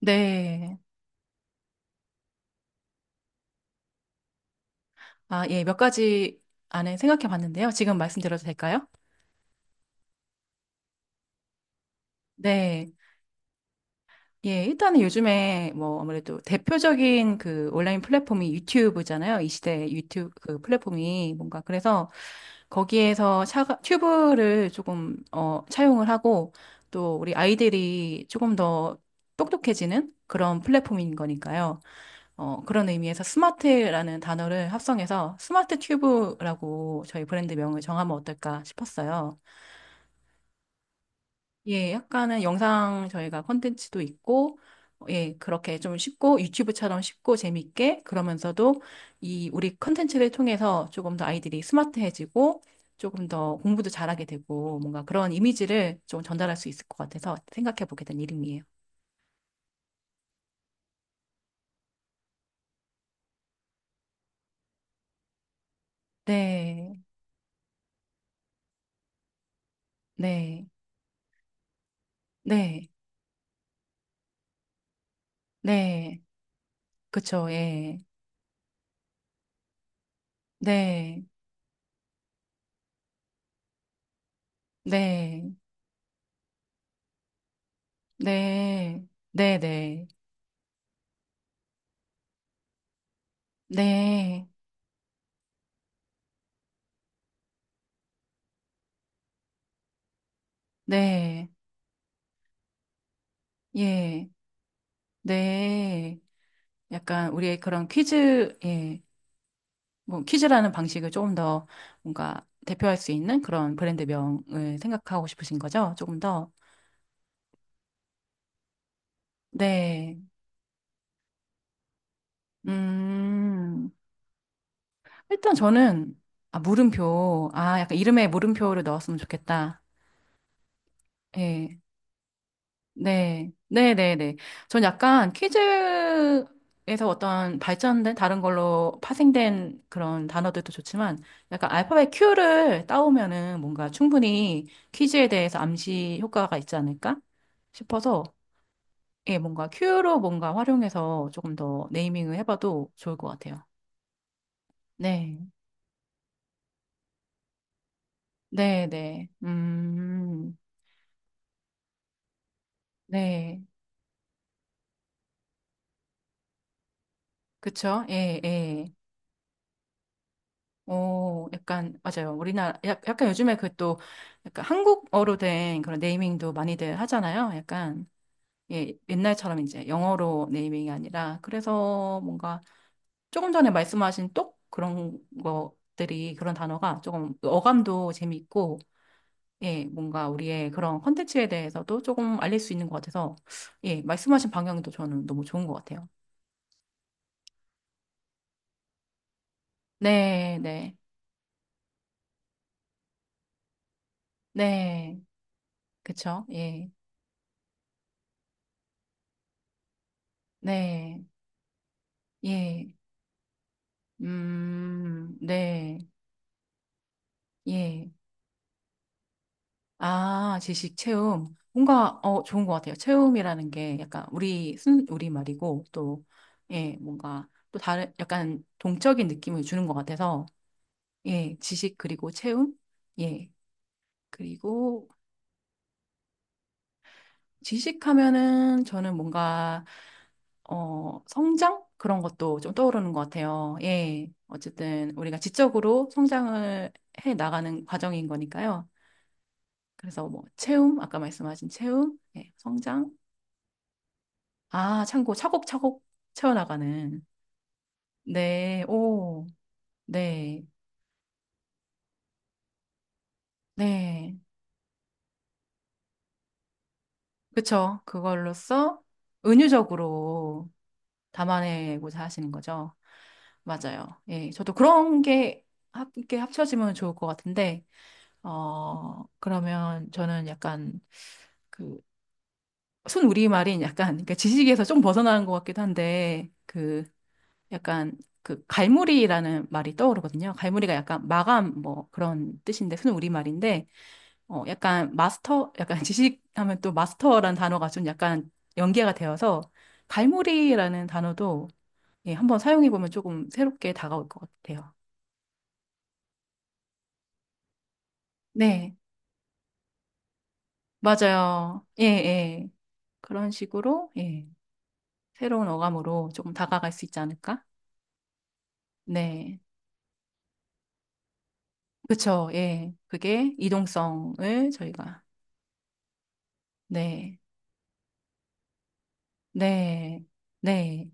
네. 아, 예, 몇 가지 안에 생각해 봤는데요. 지금 말씀드려도 될까요? 네. 예, 일단은 요즘에 뭐 아무래도 대표적인 그 온라인 플랫폼이 유튜브잖아요. 이 시대 유튜브 그 플랫폼이 뭔가 그래서 거기에서 튜브를 조금 차용을 하고 또 우리 아이들이 조금 더 똑똑해지는 그런 플랫폼인 거니까요. 그런 의미에서 스마트라는 단어를 합성해서 스마트 튜브라고 저희 브랜드 명을 정하면 어떨까 싶었어요. 예, 약간은 영상 저희가 컨텐츠도 있고, 예, 그렇게 좀 쉽고 유튜브처럼 쉽고 재밌게 그러면서도 이 우리 컨텐츠를 통해서 조금 더 아이들이 스마트해지고 조금 더 공부도 잘하게 되고 뭔가 그런 이미지를 좀 전달할 수 있을 것 같아서 생각해 보게 된 이름이에요. 네, 네, 네, 네, 그쵸, 예, 네. 네, 네, 네 네, 네, 네, 네, 예, 네. 약간 우리의 그런 퀴즈, 예, 뭐 퀴즈라는 방식을 조금 더 뭔가 대표할 수 있는 그런 브랜드명을 생각하고 싶으신 거죠? 조금 더. 네, 음, 일단 저는, 아, 물음표, 아, 약간 이름에 물음표를 넣었으면 좋겠다. 예. 네, 네, 네, 네. 전 약간 퀴즈에서 어떤 발전된 다른 걸로 파생된 그런 단어들도 좋지만 약간 알파벳 Q를 따오면은 뭔가 충분히 퀴즈에 대해서 암시 효과가 있지 않을까 싶어서 예, 뭔가 Q로 뭔가 활용해서 조금 더 네이밍을 해봐도 좋을 것 같아요. 네, 네, 네. 네. 그쵸? 예, 예. 오, 약간, 맞아요. 우리나라, 약간 요즘에 그 또, 약간 한국어로 된 그런 네이밍도 많이들 하잖아요. 약간, 예, 옛날처럼 이제 영어로 네이밍이 아니라, 그래서 뭔가 조금 전에 말씀하신 똑 그런 것들이, 그런 단어가 조금 어감도 재밌고, 예, 뭔가 우리의 그런 컨텐츠에 대해서도 조금 알릴 수 있는 것 같아서, 예, 말씀하신 방향도 저는 너무 좋은 것 같아요. 네, 네, 네, 그쵸, 예, 네, 예. 네, 예. 아, 지식 체험. 뭔가, 좋은 것 같아요. 체험이라는 게 약간 우리, 순, 우리 말이고, 또, 예, 뭔가, 또 다른, 약간 동적인 느낌을 주는 것 같아서, 예, 지식 그리고 체험? 예. 그리고 지식하면은 저는 뭔가, 성장? 그런 것도 좀 떠오르는 것 같아요. 예. 어쨌든 우리가 지적으로 성장을 해 나가는 과정인 거니까요. 그래서 뭐 채움, 아까 말씀하신 채움, 예, 성장. 아, 참고 차곡차곡 채워나가는. 네, 오, 네, 네. 그쵸. 그걸로써 은유적으로 담아내고자 하시는 거죠. 맞아요. 예, 저도 그런 게 이렇게 합쳐지면 좋을 것 같은데, 그러면 저는 약간 그, 순우리말인 약간, 그러니까 지식에서 좀 벗어나는 것 같기도 한데, 그, 약간 그 갈무리라는 말이 떠오르거든요. 갈무리가 약간 마감 뭐 그런 뜻인데 순 우리말인데 약간 마스터 약간 지식하면 또 마스터라는 단어가 좀 약간 연계가 되어서 갈무리라는 단어도 예, 한번 사용해 보면 조금 새롭게 다가올 것 같아요. 네, 맞아요. 예, 예. 그런 식으로 예. 새로운 어감으로 조금 다가갈 수 있지 않을까? 네. 그쵸. 예. 그게 이동성을 저희가 네. 네, 네,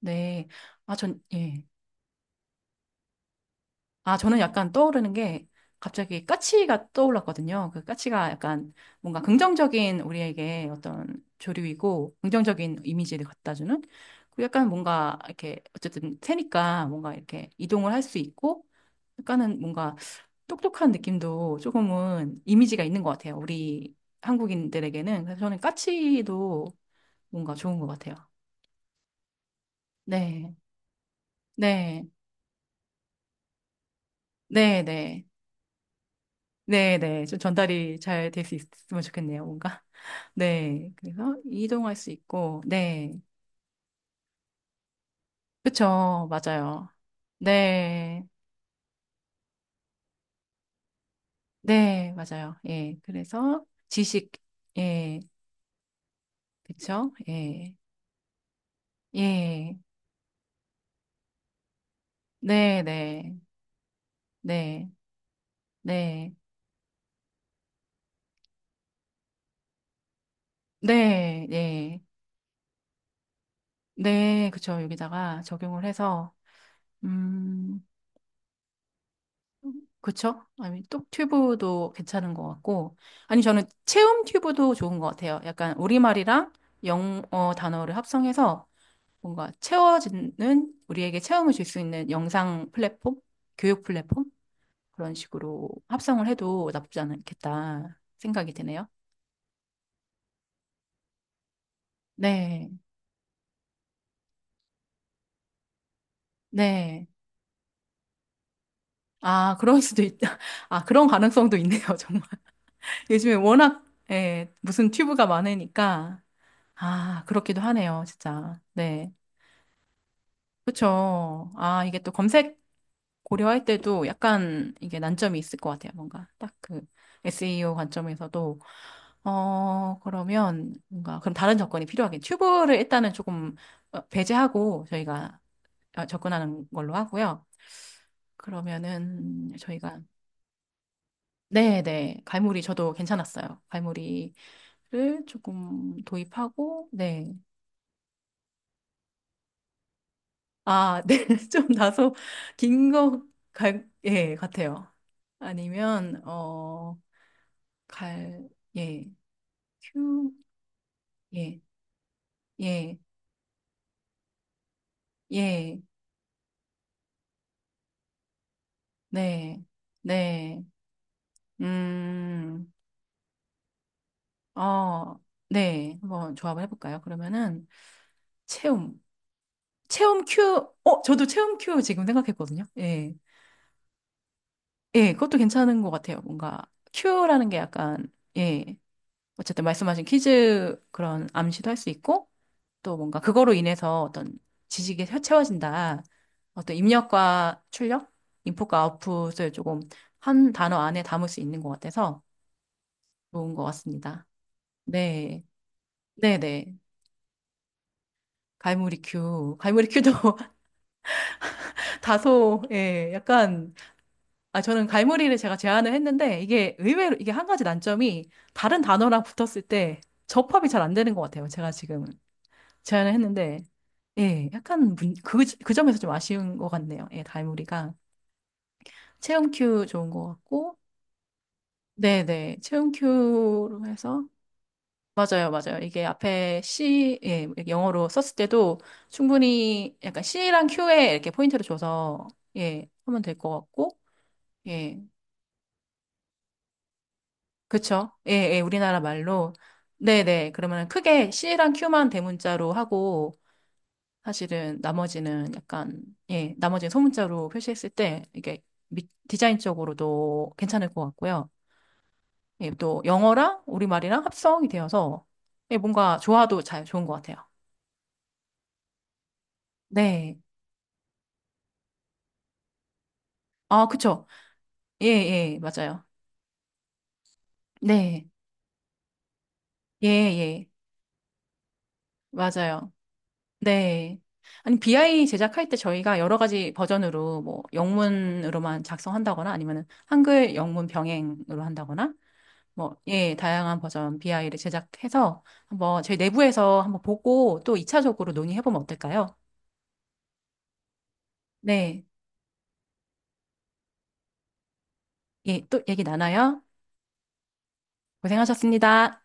네. 아, 전, 예. 아, 저는 약간 떠오르는 게 갑자기 까치가 떠올랐거든요. 그 까치가 약간 뭔가 긍정적인 우리에게 어떤 조류이고 긍정적인 이미지를 갖다주는 그리고 약간 뭔가 이렇게 어쨌든 새니까 뭔가 이렇게 이동을 할 수 있고 약간은 뭔가 똑똑한 느낌도 조금은 이미지가 있는 것 같아요. 우리 한국인들에게는. 그래서 저는 까치도 뭔가 좋은 것 같아요. 네, 네. 네네. 네네. 좀 전달이 잘 될 수 있으면 좋겠네요, 뭔가. 네. 그래서 이동할 수 있고, 네. 그쵸. 맞아요. 네. 네. 맞아요. 예. 그래서 지식, 예. 그쵸. 예. 예. 네네. 네. 네. 네. 예. 네. 그쵸. 여기다가 적용을 해서, 음, 그쵸? 아니, 똑 튜브도 괜찮은 것 같고. 아니, 저는 체험 튜브도 좋은 것 같아요. 약간 우리말이랑 영어 단어를 합성해서 뭔가 채워지는, 우리에게 체험을 줄 수 있는 영상 플랫폼? 교육 플랫폼? 그런 식으로 합성을 해도 나쁘지 않겠다 생각이 드네요. 네, 네. 아, 그럴 수도 있다. 아, 그런 가능성도 있네요, 정말. 요즘에 워낙, 예, 무슨 튜브가 많으니까. 아, 그렇기도 하네요, 진짜. 네. 그쵸. 아, 이게 또 검색 고려할 때도 약간 이게 난점이 있을 것 같아요. 뭔가 딱 그 SEO 관점에서도. 그러면 뭔가, 그럼 다른 접근이 필요하긴. 튜브를 일단은 조금 배제하고 저희가 접근하는 걸로 하고요. 그러면은 저희가, 네네. 갈무리 저도 괜찮았어요. 갈무리를 조금 도입하고, 네. 아, 네. 좀 다소 긴 거, 예, 같아요. 아니면 갈, 예, 큐, 예, 예, 예, 네, 네, 음, 어, 네, 한번 조합을 해볼까요? 그러면은 체험, 체험 큐, 저도 체험 큐 지금 생각했거든요. 예, 예, 그것도 괜찮은 것 같아요. 뭔가 큐라는 게 약간, 예, 어쨌든 말씀하신 퀴즈 그런 암시도 할 수 있고, 또 뭔가 그거로 인해서 어떤 지식이 채워진다. 어떤 입력과 출력, 인풋과 아웃풋을 조금 한 단어 안에 담을 수 있는 것 같아서 좋은 것 같습니다. 네. 네네. 갈무리 큐. 갈무리 큐도 다소, 예, 약간, 아, 저는 갈무리를 제가 제안을 했는데, 이게 의외로, 이게 한 가지 난점이 다른 단어랑 붙었을 때 접합이 잘 안 되는 것 같아요. 제가 지금. 제안을 했는데, 예, 약간 그, 그 점에서 좀 아쉬운 것 같네요. 예, 달무리가. 체험 큐 좋은 것 같고, 네네, 체험 큐로 해서, 맞아요, 맞아요. 이게 앞에 C, 예, 영어로 썼을 때도 충분히 약간 C랑 Q에 이렇게 포인트를 줘서, 예, 하면 될 것 같고, 예, 그쵸? 예, 예, 우리나라 말로. 네네, 그러면 크게 C랑 Q만 대문자로 하고, 사실은 나머지는 약간, 예, 나머지는 소문자로 표시했을 때 이게 디자인적으로도 괜찮을 것 같고요. 예, 또 영어랑 우리말이랑 합성이 되어서 예, 뭔가 조화도 잘 좋은 것 같아요. 네. 아, 그쵸. 예, 예, 맞아요. 네. 예, 예, 맞아요. 네. 아니, BI 제작할 때 저희가 여러 가지 버전으로 뭐 영문으로만 작성한다거나 아니면은 한글 영문 병행으로 한다거나 뭐, 예, 다양한 버전 BI를 제작해서 한번 저희 내부에서 한번 보고 또 2차적으로 논의해보면 어떨까요? 네. 예, 또 얘기 나눠요. 고생하셨습니다.